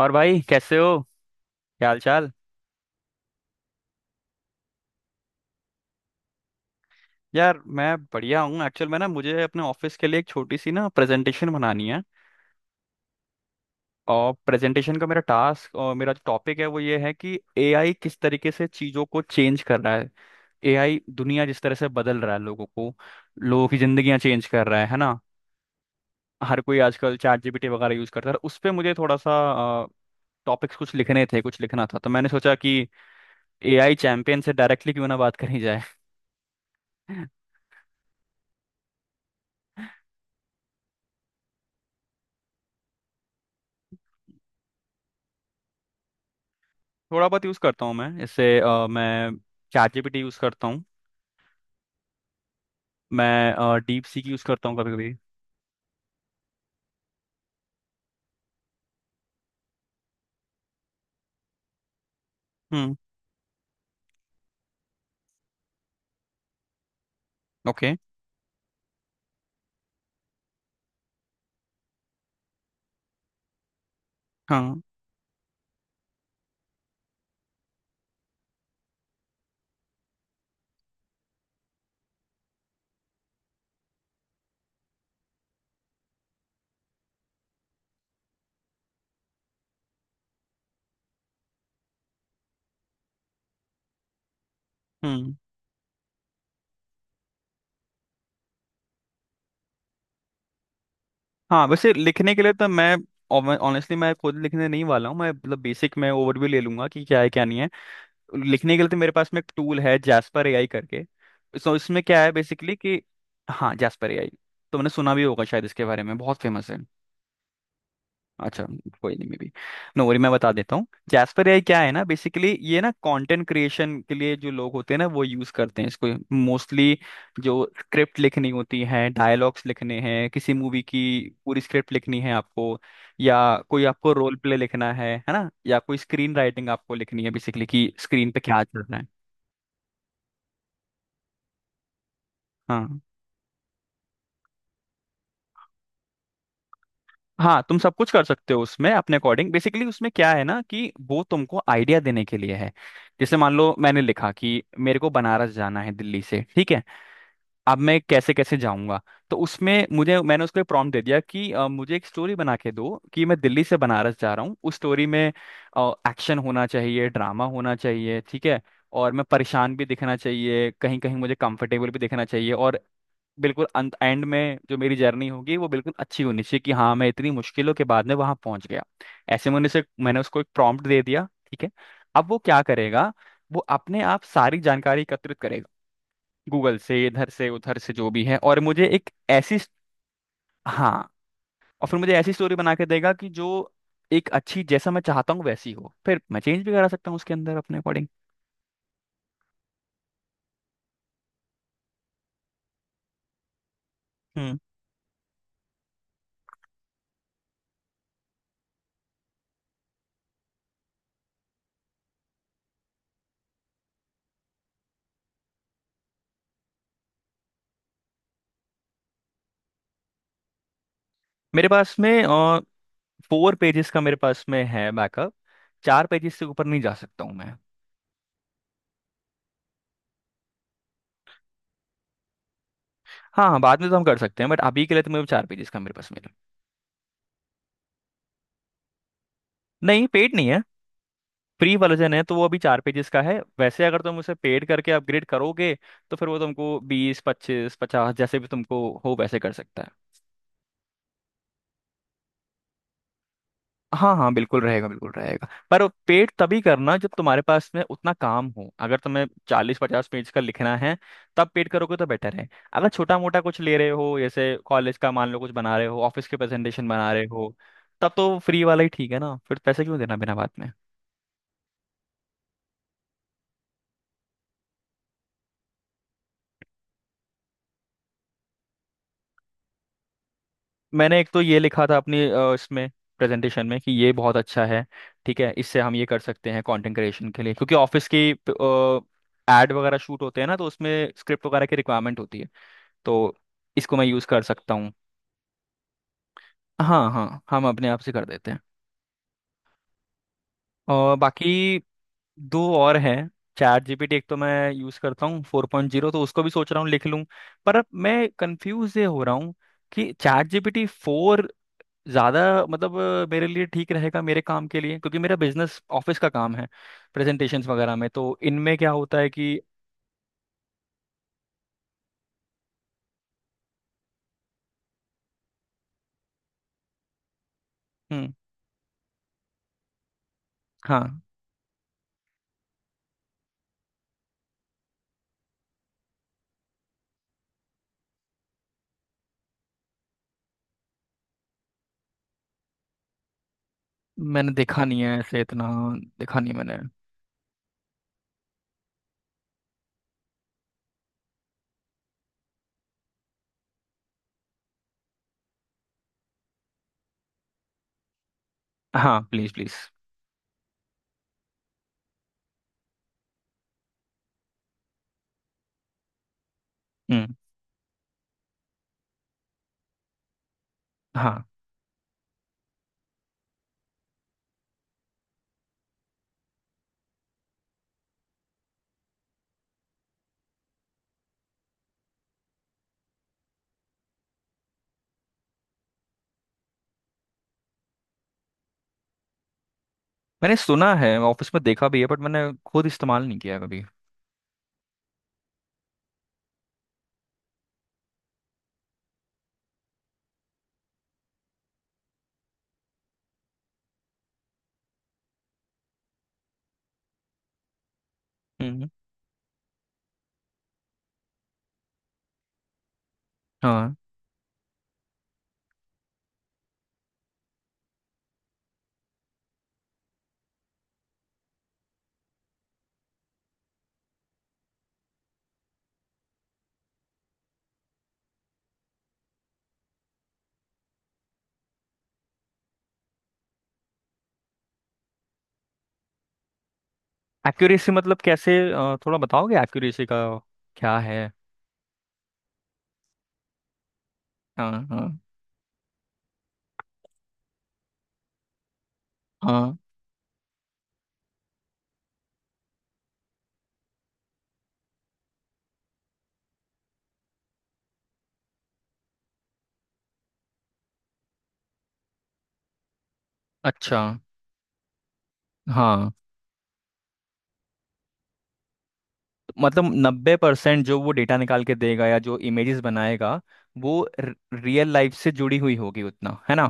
और भाई, कैसे हो? क्या हाल चाल? यार मैं बढ़िया हूँ। एक्चुअल में ना मुझे अपने ऑफिस के लिए एक छोटी सी ना प्रेजेंटेशन बनानी है। और प्रेजेंटेशन का मेरा टास्क, और मेरा जो टॉपिक है वो ये है कि एआई किस तरीके से चीज़ों को चेंज कर रहा है। एआई दुनिया जिस तरह से बदल रहा है, लोगों को, लोगों की जिंदगियां चेंज कर रहा है ना। हर कोई आजकल चैट जीपीटी वगैरह यूज करता है, तो उस पर मुझे थोड़ा सा टॉपिक्स कुछ लिखने थे, कुछ लिखना था, तो मैंने सोचा कि एआई चैंपियन से डायरेक्टली क्यों ना बात करी जाए। थोड़ा बहुत यूज़ करता हूँ मैं इससे। मैं चैट जीपीटी यूज़ करता हूँ। मैं डीप सीक यूज़ करता हूँ कभी कभी। हम्म। ओके। हाँ। हम्म। हाँ, वैसे लिखने के लिए तो मैं, ऑनेस्टली, मैं खुद लिखने नहीं वाला हूँ। मैं मतलब बेसिक, मैं ओवरव्यू ले लूंगा कि क्या है क्या नहीं है। लिखने के लिए तो मेरे पास में एक टूल है, जैस्पर एआई करके। सो इसमें क्या है बेसिकली कि। हाँ, जैस्पर एआई। तो मैंने सुना भी होगा शायद इसके बारे में, बहुत फेमस है। अच्छा। कोई नहीं, मे बी। नो वरी, मैं बता देता हूँ जैस्पर एआई क्या है ना। बेसिकली ये ना कंटेंट क्रिएशन के लिए जो लोग होते हैं ना, वो यूज करते हैं इसको, मोस्टली। जो स्क्रिप्ट लिखनी होती है, डायलॉग्स लिखने हैं किसी मूवी की, पूरी स्क्रिप्ट लिखनी है आपको, या कोई आपको रोल प्ले लिखना है ना, या कोई स्क्रीन राइटिंग आपको लिखनी है, बेसिकली कि स्क्रीन पे क्या चल रहा है। हाँ। हाँ, तुम सब कुछ कर सकते हो उसमें अपने अकॉर्डिंग। बेसिकली उसमें क्या है ना कि वो तुमको आइडिया देने के लिए है। जैसे मान लो मैंने लिखा कि मेरे को बनारस जाना है दिल्ली से, ठीक है। अब मैं कैसे कैसे जाऊंगा? तो उसमें मुझे मैंने उसको प्रॉम्प्ट दे दिया कि मुझे एक स्टोरी बना के दो कि मैं दिल्ली से बनारस जा रहा हूँ। उस स्टोरी में एक्शन होना चाहिए, ड्रामा होना चाहिए, ठीक है। और मैं परेशान भी दिखना चाहिए, कहीं कहीं मुझे कंफर्टेबल भी दिखना चाहिए, और बिल्कुल अंत एंड में जो मेरी जर्नी होगी वो बिल्कुल अच्छी होनी चाहिए, कि हाँ, मैं इतनी मुश्किलों के बाद में वहां पहुंच गया। ऐसे मैंने उसको एक प्रॉम्प्ट दे दिया, ठीक है। अब वो क्या करेगा? वो अपने आप सारी जानकारी एकत्रित करेगा, गूगल से, इधर से उधर से जो भी है, और मुझे एक ऐसी। हाँ। और फिर मुझे ऐसी स्टोरी बना के देगा कि जो एक अच्छी, जैसा मैं चाहता हूँ वैसी हो, फिर मैं चेंज भी करा सकता हूँ उसके अंदर अपने अकॉर्डिंग। हम्म। मेरे पास में 4 पेजेस का मेरे पास में है बैकअप। 4 पेजेस से ऊपर नहीं जा सकता हूँ मैं। हाँ हाँ, बाद में तो हम कर सकते हैं, बट अभी के लिए तो मेरे 4 पेजेस का मेरे पास मेल। नहीं, पेड नहीं है। फ्री वर्जन है तो वो अभी 4 पेजेस का है। वैसे अगर तुम उसे पेड करके अपग्रेड करोगे तो फिर वो तुमको 20, 25, 50, जैसे भी तुमको हो वैसे कर सकता है। हाँ हाँ, बिल्कुल रहेगा, बिल्कुल रहेगा, पर पेड तभी करना जब तुम्हारे पास में उतना काम हो। अगर तुम्हें 40-50 पेज का लिखना है, तब पेड करोगे तो बेटर है। अगर छोटा मोटा कुछ ले रहे हो, जैसे कॉलेज का मान लो कुछ बना रहे हो, ऑफिस के प्रेजेंटेशन बना रहे हो, तब तो फ्री वाला ही ठीक है ना, फिर पैसे क्यों देना बिना बात में? मैंने एक तो ये लिखा था अपनी, इसमें प्रेजेंटेशन में, कि ये बहुत अच्छा है। ठीक है, इससे हम ये कर सकते हैं कंटेंट क्रिएशन के लिए, क्योंकि ऑफिस की एड वगैरह शूट होते हैं ना, तो उसमें स्क्रिप्ट वगैरह की रिक्वायरमेंट होती है, तो इसको मैं यूज़ कर सकता हूँ। हाँ हाँ, हम अपने आप से कर देते हैं। और बाकी दो और हैं। चैट जीपीटी एक तो मैं यूज़ करता हूँ, 4.0, तो उसको भी सोच रहा हूँ लिख लूँ। पर अब मैं कंफ्यूज ये हो रहा हूँ कि चैट जीपीटी 4 ज़्यादा मतलब मेरे लिए ठीक रहेगा मेरे काम के लिए, क्योंकि मेरा बिजनेस ऑफिस का काम है। प्रेजेंटेशंस वगैरह में, तो इनमें क्या होता है कि। हम्म। हाँ। मैंने देखा नहीं है ऐसे इतना, देखा नहीं मैंने। हाँ, प्लीज़ प्लीज़। हम्म। हाँ। मैंने सुना है, ऑफिस में देखा भी है, बट मैंने खुद इस्तेमाल नहीं किया कभी। हम्म। हाँ। एक्यूरेसी मतलब कैसे, थोड़ा बताओगे एक्यूरेसी का क्या है? हाँ हाँ हाँ। अच्छा। हाँ। मतलब 90% जो वो डेटा निकाल के देगा, या जो इमेजेस बनाएगा वो रियल लाइफ से जुड़ी हुई होगी उतना, है ना।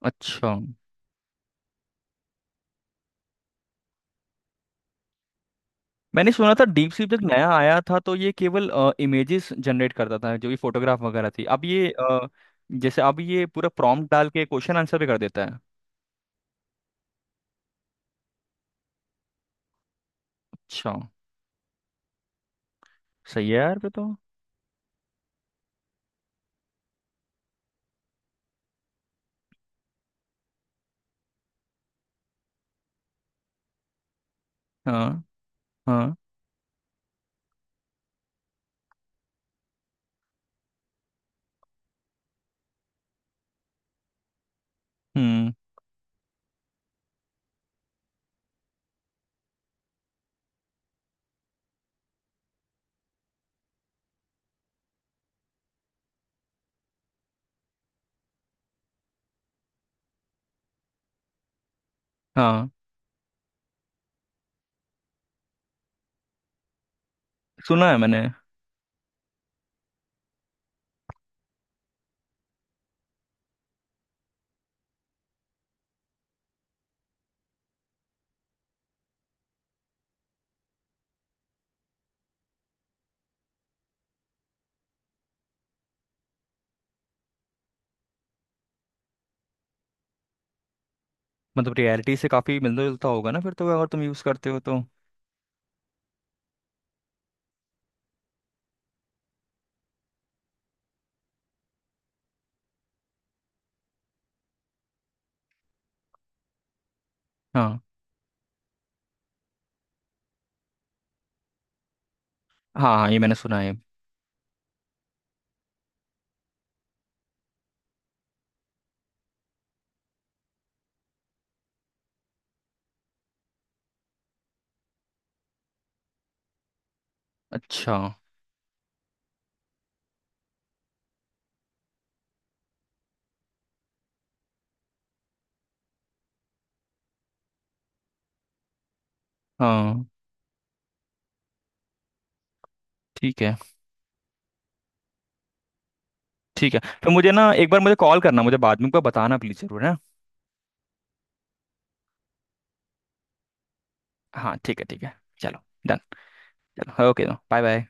अच्छा। मैंने सुना था डीप सीप जब नया आया था तो ये केवल इमेजेस जनरेट करता था, जो भी फोटोग्राफ वगैरह थी, अब ये, जैसे अब ये पूरा प्रॉम्प्ट डाल के क्वेश्चन आंसर भी कर देता है। अच्छा। सही है यार फिर तो। हाँ हाँ। हम्म। हाँ, सुना है मैंने। मतलब रियलिटी से काफी मिलता जुलता होगा ना फिर तो, अगर तुम यूज करते हो तो। हाँ हाँ हाँ, ये मैंने सुना है। अच्छा। हाँ ठीक है, ठीक है। तो मुझे ना एक बार मुझे कॉल करना, मुझे बाद में को बताना प्लीज, जरूर है। हाँ ठीक है, ठीक है। चलो। डन। चलो, ओके। Bye bye.